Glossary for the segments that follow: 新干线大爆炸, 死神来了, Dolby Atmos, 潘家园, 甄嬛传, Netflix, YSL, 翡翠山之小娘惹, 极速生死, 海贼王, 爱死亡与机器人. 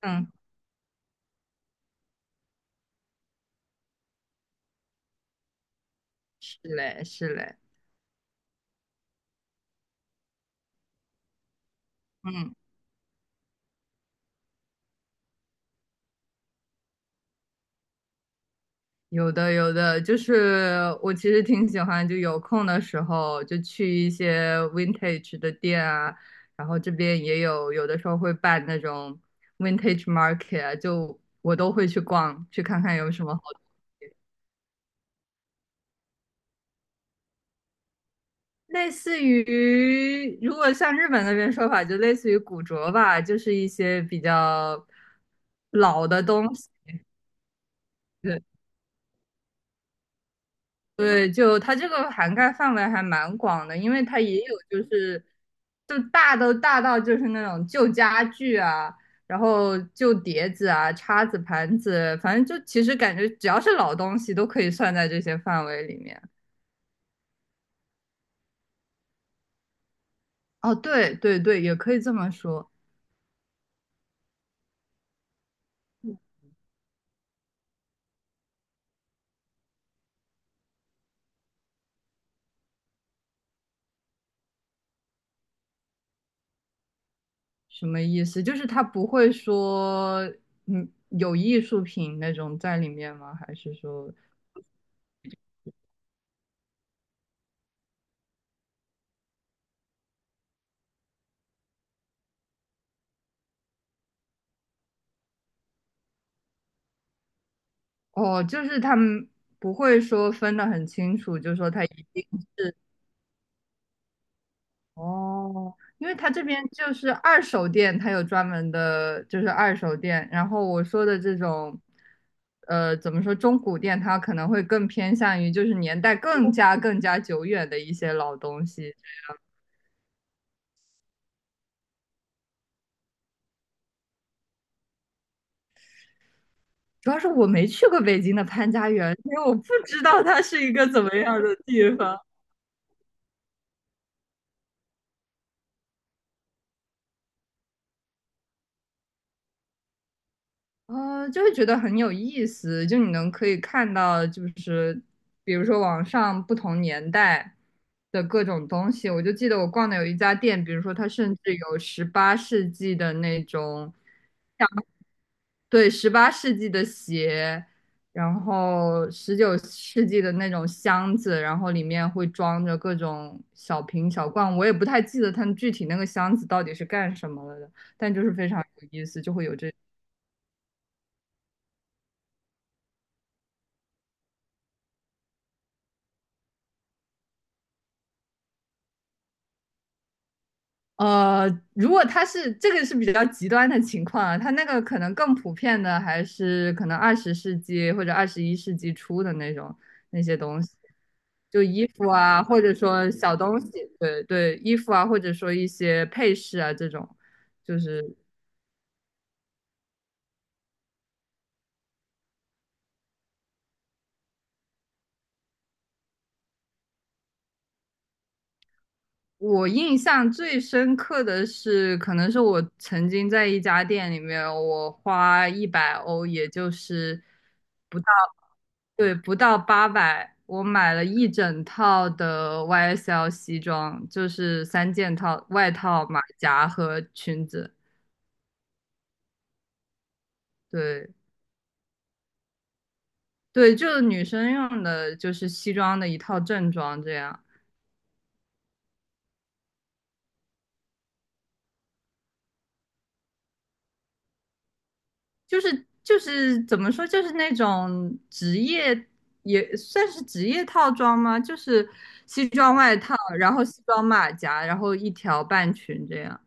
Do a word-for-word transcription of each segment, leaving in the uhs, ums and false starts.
嗯，是嘞，是嘞，嗯，有的有的，就是我其实挺喜欢，就有空的时候就去一些 vintage 的店啊，然后这边也有，有的时候会办那种 vintage market 啊，就我都会去逛，去看看有什么好。类似于，如果像日本那边说法，就类似于古着吧，就是一些比较老的东西，对，就它这个涵盖范围还蛮广的，因为它也有就是，就大都大到就是那种旧家具啊，然后旧碟子啊、叉子、盘子，反正就其实感觉只要是老东西都可以算在这些范围里面。哦，对对对，也可以这么说。什么意思？就是它不会说，嗯，有艺术品那种在里面吗？还是说，哦，就是他们不会说分得很清楚，就说它一定。哦，因为他这边就是二手店，他有专门的，就是二手店。然后我说的这种，呃，怎么说中古店，它可能会更偏向于就是年代更加更加久远的一些老东西。主要是我没去过北京的潘家园，因为我不知道它是一个怎么样的地方。呃，就会觉得很有意思，就你能可以看到，就是比如说网上不同年代的各种东西。我就记得我逛的有一家店，比如说它甚至有十八世纪的那种，对，十八世纪的鞋，然后十九世纪的那种箱子，然后里面会装着各种小瓶小罐。我也不太记得它具体那个箱子到底是干什么了的，但就是非常有意思，就会有这。呃，如果他是这个是比较极端的情况啊，他那个可能更普遍的还是可能二十世纪或者二十一世纪初的那种那些东西，就衣服啊，或者说小东西，对对，衣服啊，或者说一些配饰啊这种，就是我印象最深刻的是，可能是我曾经在一家店里面，我花一百欧，也就是。不。对，不到八百，我买了一整套的 Y S L 西装，就是三件套，外套、马甲和裙子。对对，就是女生用的，就是西装的一套正装，这样就是就是怎么说，就是那种职业也算是职业套装吗？就是西装外套，然后西装马甲，然后一条半裙这样。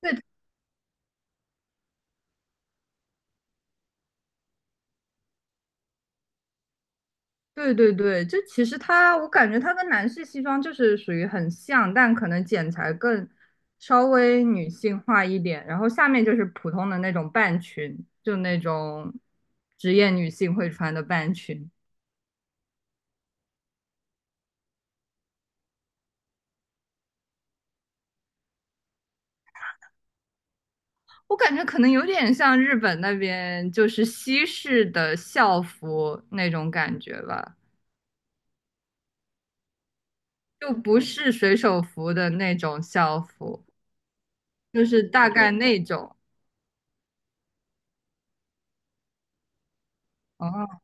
对，对对对，就其实它，我感觉它跟男士西装就是属于很像，但可能剪裁更稍微女性化一点，然后下面就是普通的那种半裙，就那种职业女性会穿的半裙。我感觉可能有点像日本那边就是西式的校服那种感觉吧，就不是水手服的那种校服，就是大概那种。哦，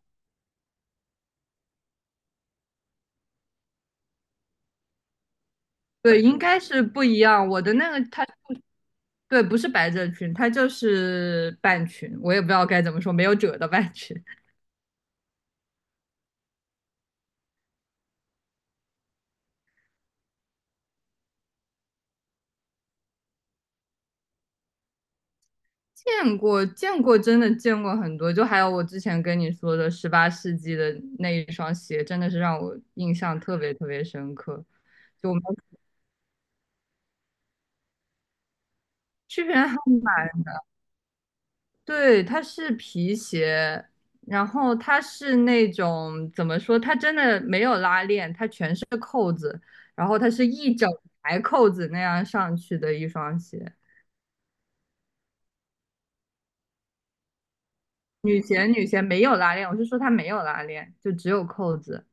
对，应该是不一样。我的那个它。对，不是百褶裙，它就是半裙，我也不知道该怎么说，没有褶的半裙。见过，见过，真的见过很多。就还有我之前跟你说的十八世纪的那一双鞋，真的是让我印象特别特别深刻。就我们去别人还买，对，它是皮鞋，然后它是那种怎么说，它真的没有拉链，它全是扣子，然后它是一整排扣子那样上去的一双鞋。女鞋女鞋没有拉链，我是说它没有拉链，就只有扣子。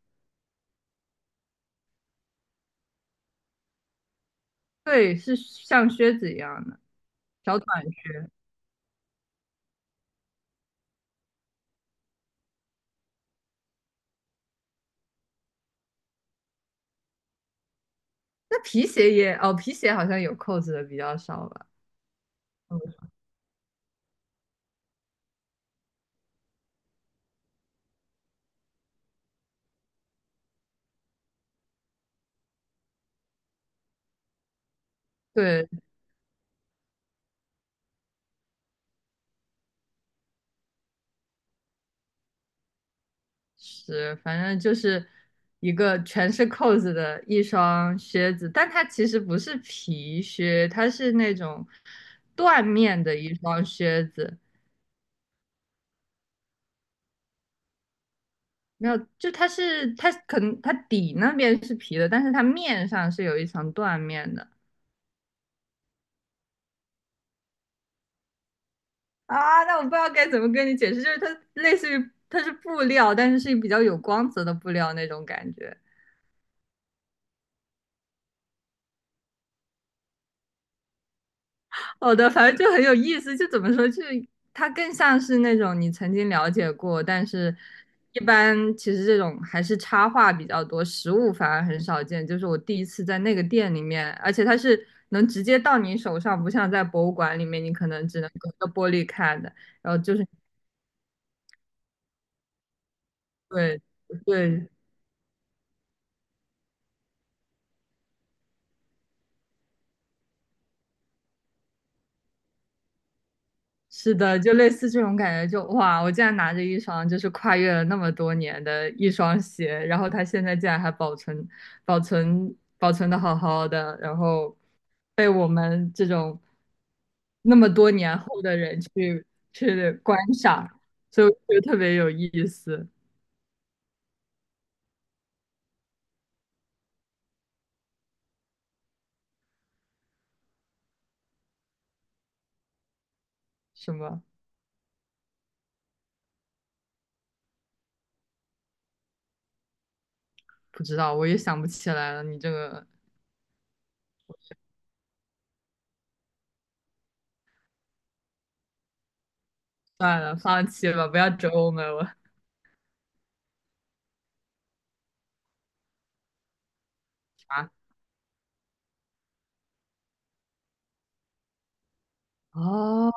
对，是像靴子一样的小短靴。那皮鞋也哦，皮鞋好像有扣子的比较少吧？嗯，对，是，反正就是一个全是扣子的一双靴子，但它其实不是皮靴，它是那种缎面的一双靴子。没有，就它是它可能它底那边是皮的，但是它面上是有一层缎面的。啊，那我不知道该怎么跟你解释，就是它类似于它是布料，但是是比较有光泽的布料那种感觉。好的，反正就很有意思，就怎么说，就是它更像是那种你曾经了解过，但是一般其实这种还是插画比较多，实物反而很少见。就是我第一次在那个店里面，而且它是能直接到你手上，不像在博物馆里面你可能只能隔着玻璃看的。然后就是对对是的，就类似这种感觉就，哇，我竟然拿着一双就是跨越了那么多年的一双鞋，然后它现在竟然还保存、保存、保存的好好的，然后被我们这种那么多年后的人去去观赏，就就特别有意思。什么不知道，我也想不起来了。你这个算了，放弃吧，不要折磨我。啊！哦，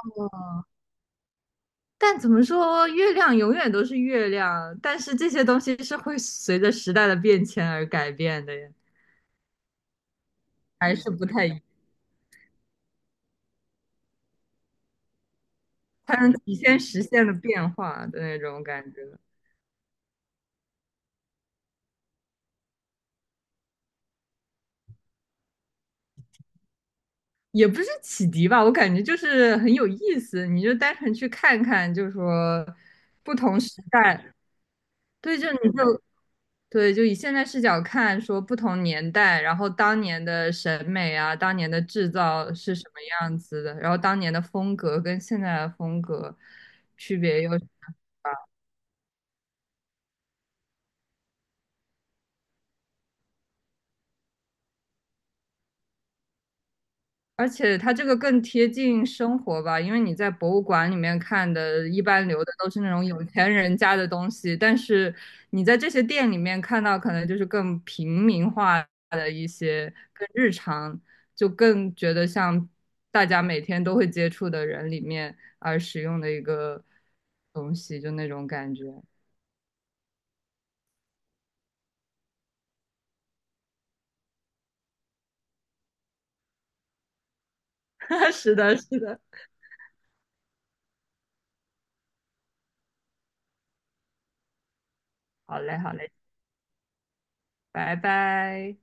但怎么说，月亮永远都是月亮，但是这些东西是会随着时代的变迁而改变的呀，还是不太一样，它能体现时现的变化的那种感觉，也不是启迪吧，我感觉就是很有意思，你就单纯去看看，就是说不同时代。对，就你就对，就以现在视角看，说不同年代，然后当年的审美啊，当年的制造是什么样子的，然后当年的风格跟现在的风格区别又是。而且它这个更贴近生活吧，因为你在博物馆里面看的，一般留的都是那种有钱人家的东西，但是你在这些店里面看到，可能就是更平民化的一些，更日常，就更觉得像大家每天都会接触的人里面而使用的一个东西，就那种感觉。是的，是的，好嘞，好嘞，拜拜。